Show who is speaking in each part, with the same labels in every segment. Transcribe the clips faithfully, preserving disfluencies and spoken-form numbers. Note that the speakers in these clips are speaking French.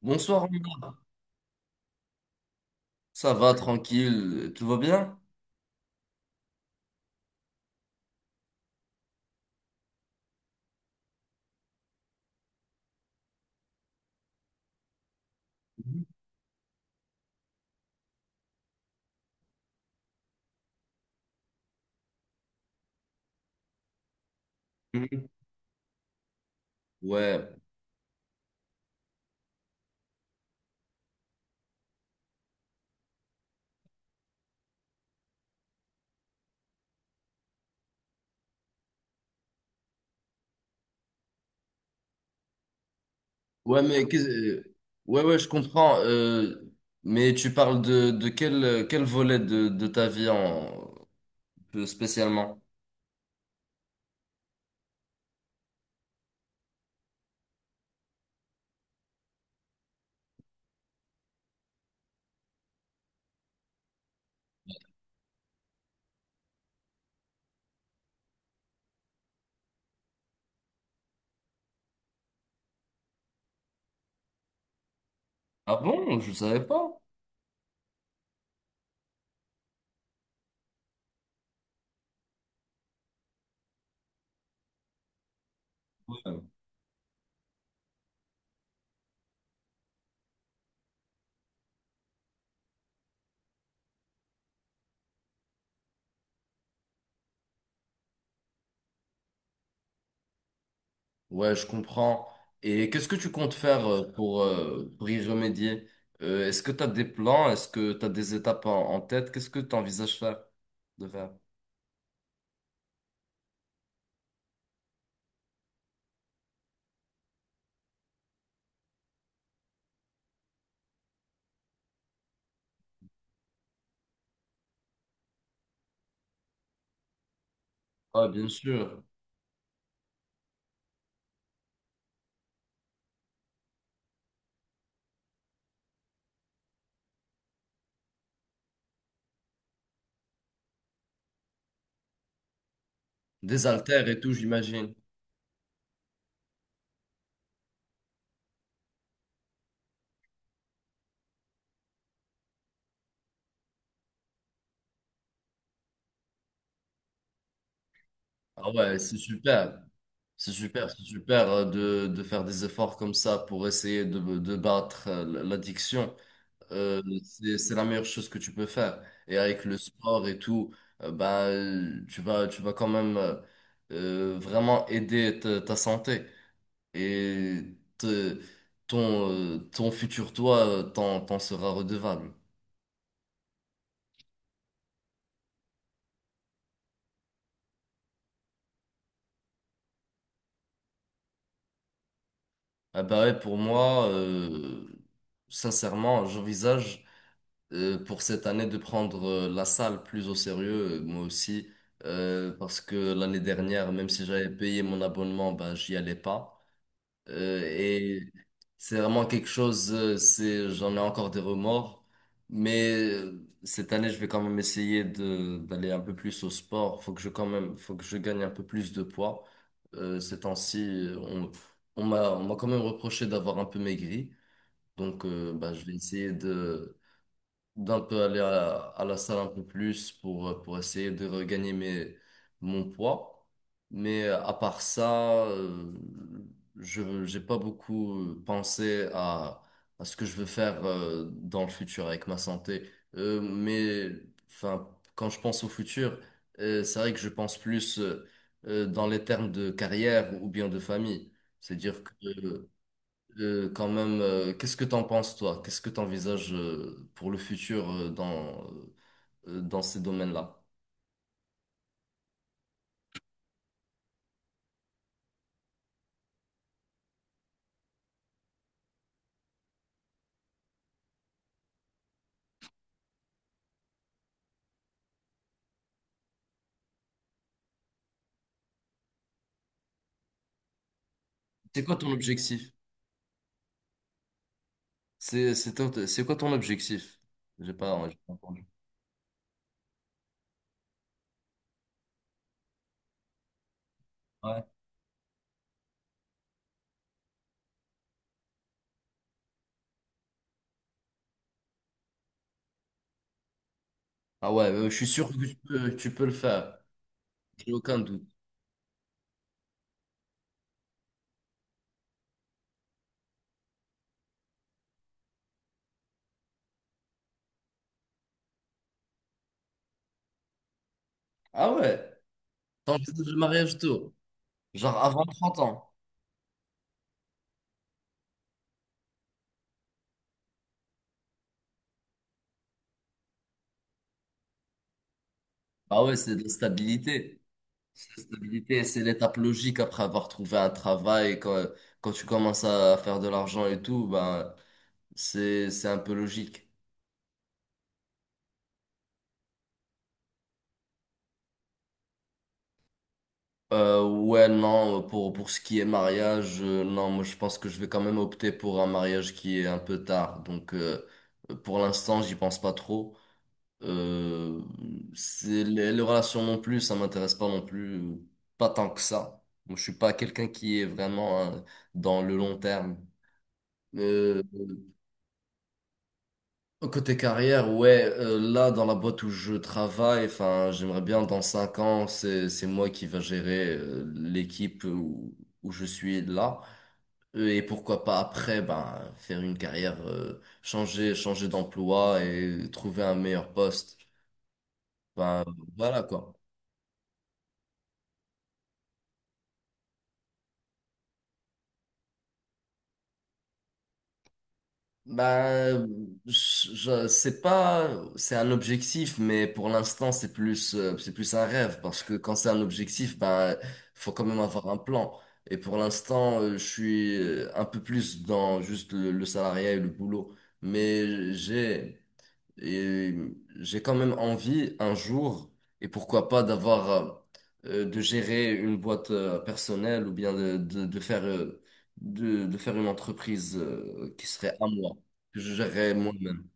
Speaker 1: Bonsoir, Omar. Ça va tranquille, tout va bien? Mhm. Ouais, ouais, mais qu'est-ce- euh, ouais, ouais, je comprends. Euh, mais tu parles de, de quel, quel volet de, de ta vie en, plus spécialement? Ah bon, je savais pas. Ouais, ouais, je comprends. Et qu'est-ce que tu comptes faire euh, pour, euh, pour y remédier? Euh, est-ce que tu as des plans? Est-ce que tu as des étapes en, en tête? Qu'est-ce que tu envisages faire, de faire? Ah, bien sûr. Des haltères et tout, j'imagine. Ah ouais, c'est super. C'est super, c'est super euh, de, de faire des efforts comme ça pour essayer de, de battre euh, l'addiction. Euh, c'est, c'est la meilleure chose que tu peux faire. Et avec le sport et tout, euh, bah, euh, tu vas, tu vas quand même euh, euh, vraiment aider ta, ta santé. Et te- ton, euh, ton futur toi euh, t'en, t'en sera redevable. Ah bah ouais, pour moi, euh, sincèrement, j'envisage euh, pour cette année de prendre euh, la salle plus au sérieux, euh, moi aussi, euh, parce que l'année dernière, même si j'avais payé mon abonnement, ben, j'y allais pas. Euh, et c'est vraiment quelque chose, euh, c'est, j'en ai encore des remords, mais euh, cette année, je vais quand même essayer de, d'aller un peu plus au sport. Faut que je quand même, faut que je gagne un peu plus de poids. Euh, ces temps-ci, euh, on, on m'a, on m'a quand même reproché d'avoir un peu maigri. Donc, euh, ben, je vais essayer de d'un peu aller à, à la salle un peu plus pour, pour essayer de regagner mes, mon poids. Mais euh, à part ça, euh, je j'ai pas beaucoup euh, pensé à, à ce que je veux faire euh, dans le futur avec ma santé. Euh, mais enfin, quand je pense au futur, euh, c'est vrai que je pense plus euh, euh, dans les termes de carrière ou bien de famille. C'est-à-dire que euh, quand même, euh, qu'est-ce que t'en penses toi? Qu'est-ce que t'envisages euh, pour le futur euh, dans, euh, dans ces domaines-là? C'est quoi ton objectif? C'est c'est ton- c'est quoi ton objectif? J'ai pas, j'ai pas entendu. Ouais. Ah ouais, euh, je suis sûr que tu peux, tu peux le faire. J'ai aucun doute. Ah ouais, t'envisages le mariage tôt. Genre avant trente ans. Ah ouais, c'est de la stabilité. C'est la stabilité, c'est l'étape logique après avoir trouvé un travail. Quand, quand tu commences à faire de l'argent et tout, ben. C'est, c'est un peu logique. Euh, ouais, non, euh, pour, pour ce qui est mariage, euh, non, moi je pense que je vais quand même opter pour un mariage qui est un peu tard. Donc euh, pour l'instant, j'y pense pas trop. Euh, c'est, les, les relations non plus, ça m'intéresse pas non plus. Euh, Pas tant que ça. Moi, je suis pas quelqu'un qui est vraiment hein, dans le long terme. Euh, Côté carrière, ouais, euh, là dans la boîte où je travaille, enfin, j'aimerais bien dans cinq ans, c'est c'est moi qui va gérer euh, l'équipe où, où je suis là. Euh, Et pourquoi pas après, ben, faire une carrière, euh, changer changer d'emploi et trouver un meilleur poste. Ben, voilà quoi. Bah, je, je- c'est pas, c'est un objectif, mais pour l'instant, c'est plus, euh, c'est plus un rêve, parce que quand c'est un objectif, bah, faut quand même avoir un plan. Et pour l'instant, euh, je suis euh, un peu plus dans juste le, le salariat et le boulot, mais j'ai, et j'ai quand même envie un jour, et pourquoi pas d'avoir, euh, euh, de gérer une boîte euh, personnelle ou bien de, de, de faire, euh, de, de faire une entreprise euh, qui serait à moi, que je gérerais moi-même.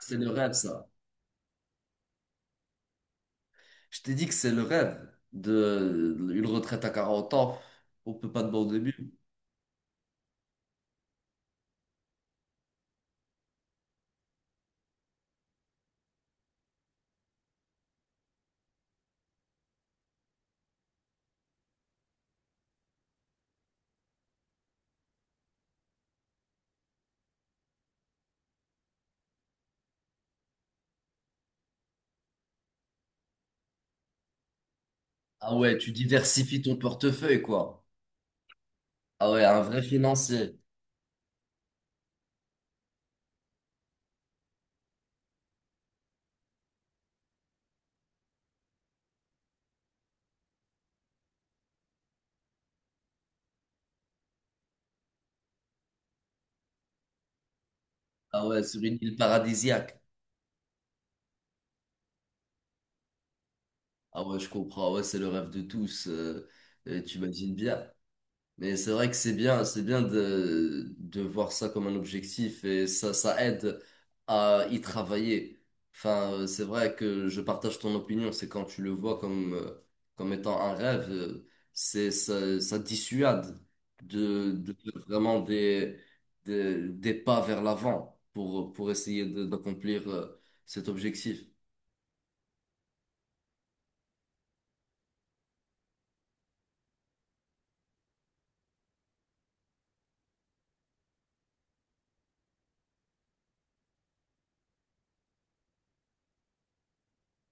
Speaker 1: C'est le rêve, ça. Je t'ai dit que c'est le rêve de une retraite à quarante ans. On peut pas de bon début. Ah ouais, tu diversifies ton portefeuille, quoi. Ah ouais, un vrai financier. Ah ouais, sur une île paradisiaque. Ah ouais, je comprends. Ah ouais, c'est le rêve de tous. Euh, et tu imagines bien. Mais c'est vrai que c'est bien, c'est bien de, de voir ça comme un objectif et ça, ça aide à y travailler. Enfin, euh, c'est vrai que je partage ton opinion. C'est quand tu le vois comme, euh, comme étant un rêve, euh, c'est, ça, ça dissuade de, de faire vraiment des, des, des pas vers l'avant pour, pour essayer de- d'accomplir, euh, cet objectif.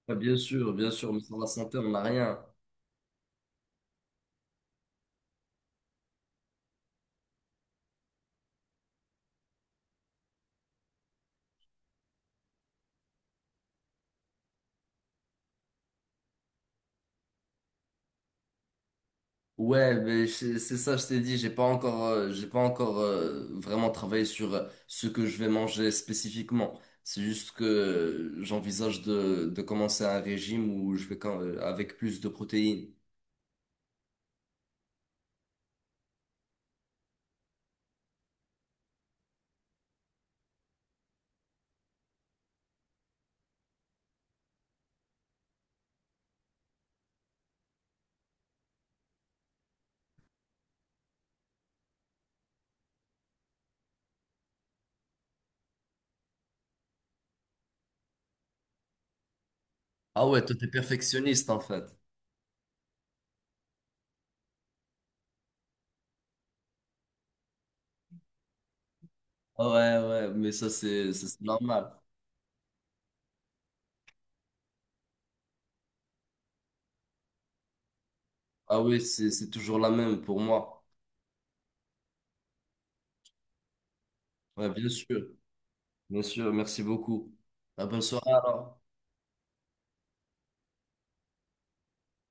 Speaker 1: Ah, bien sûr, bien sûr, mais sans la santé, on n'a rien. Ouais, mais c'est c'est ça, je t'ai dit, j'ai pas encore, euh, j'ai pas encore euh, vraiment travaillé sur euh, ce que je vais manger spécifiquement. C'est juste que euh, j'envisage de, de commencer un régime où je vais quand- euh, avec plus de protéines. Ah ouais, toi t'es perfectionniste en fait. Ah ouais, ouais, mais ça c'est ça, c'est normal. Ah oui, c'est c'est toujours la même pour moi. Ouais, bien sûr, bien sûr, merci beaucoup. À bonne soirée alors.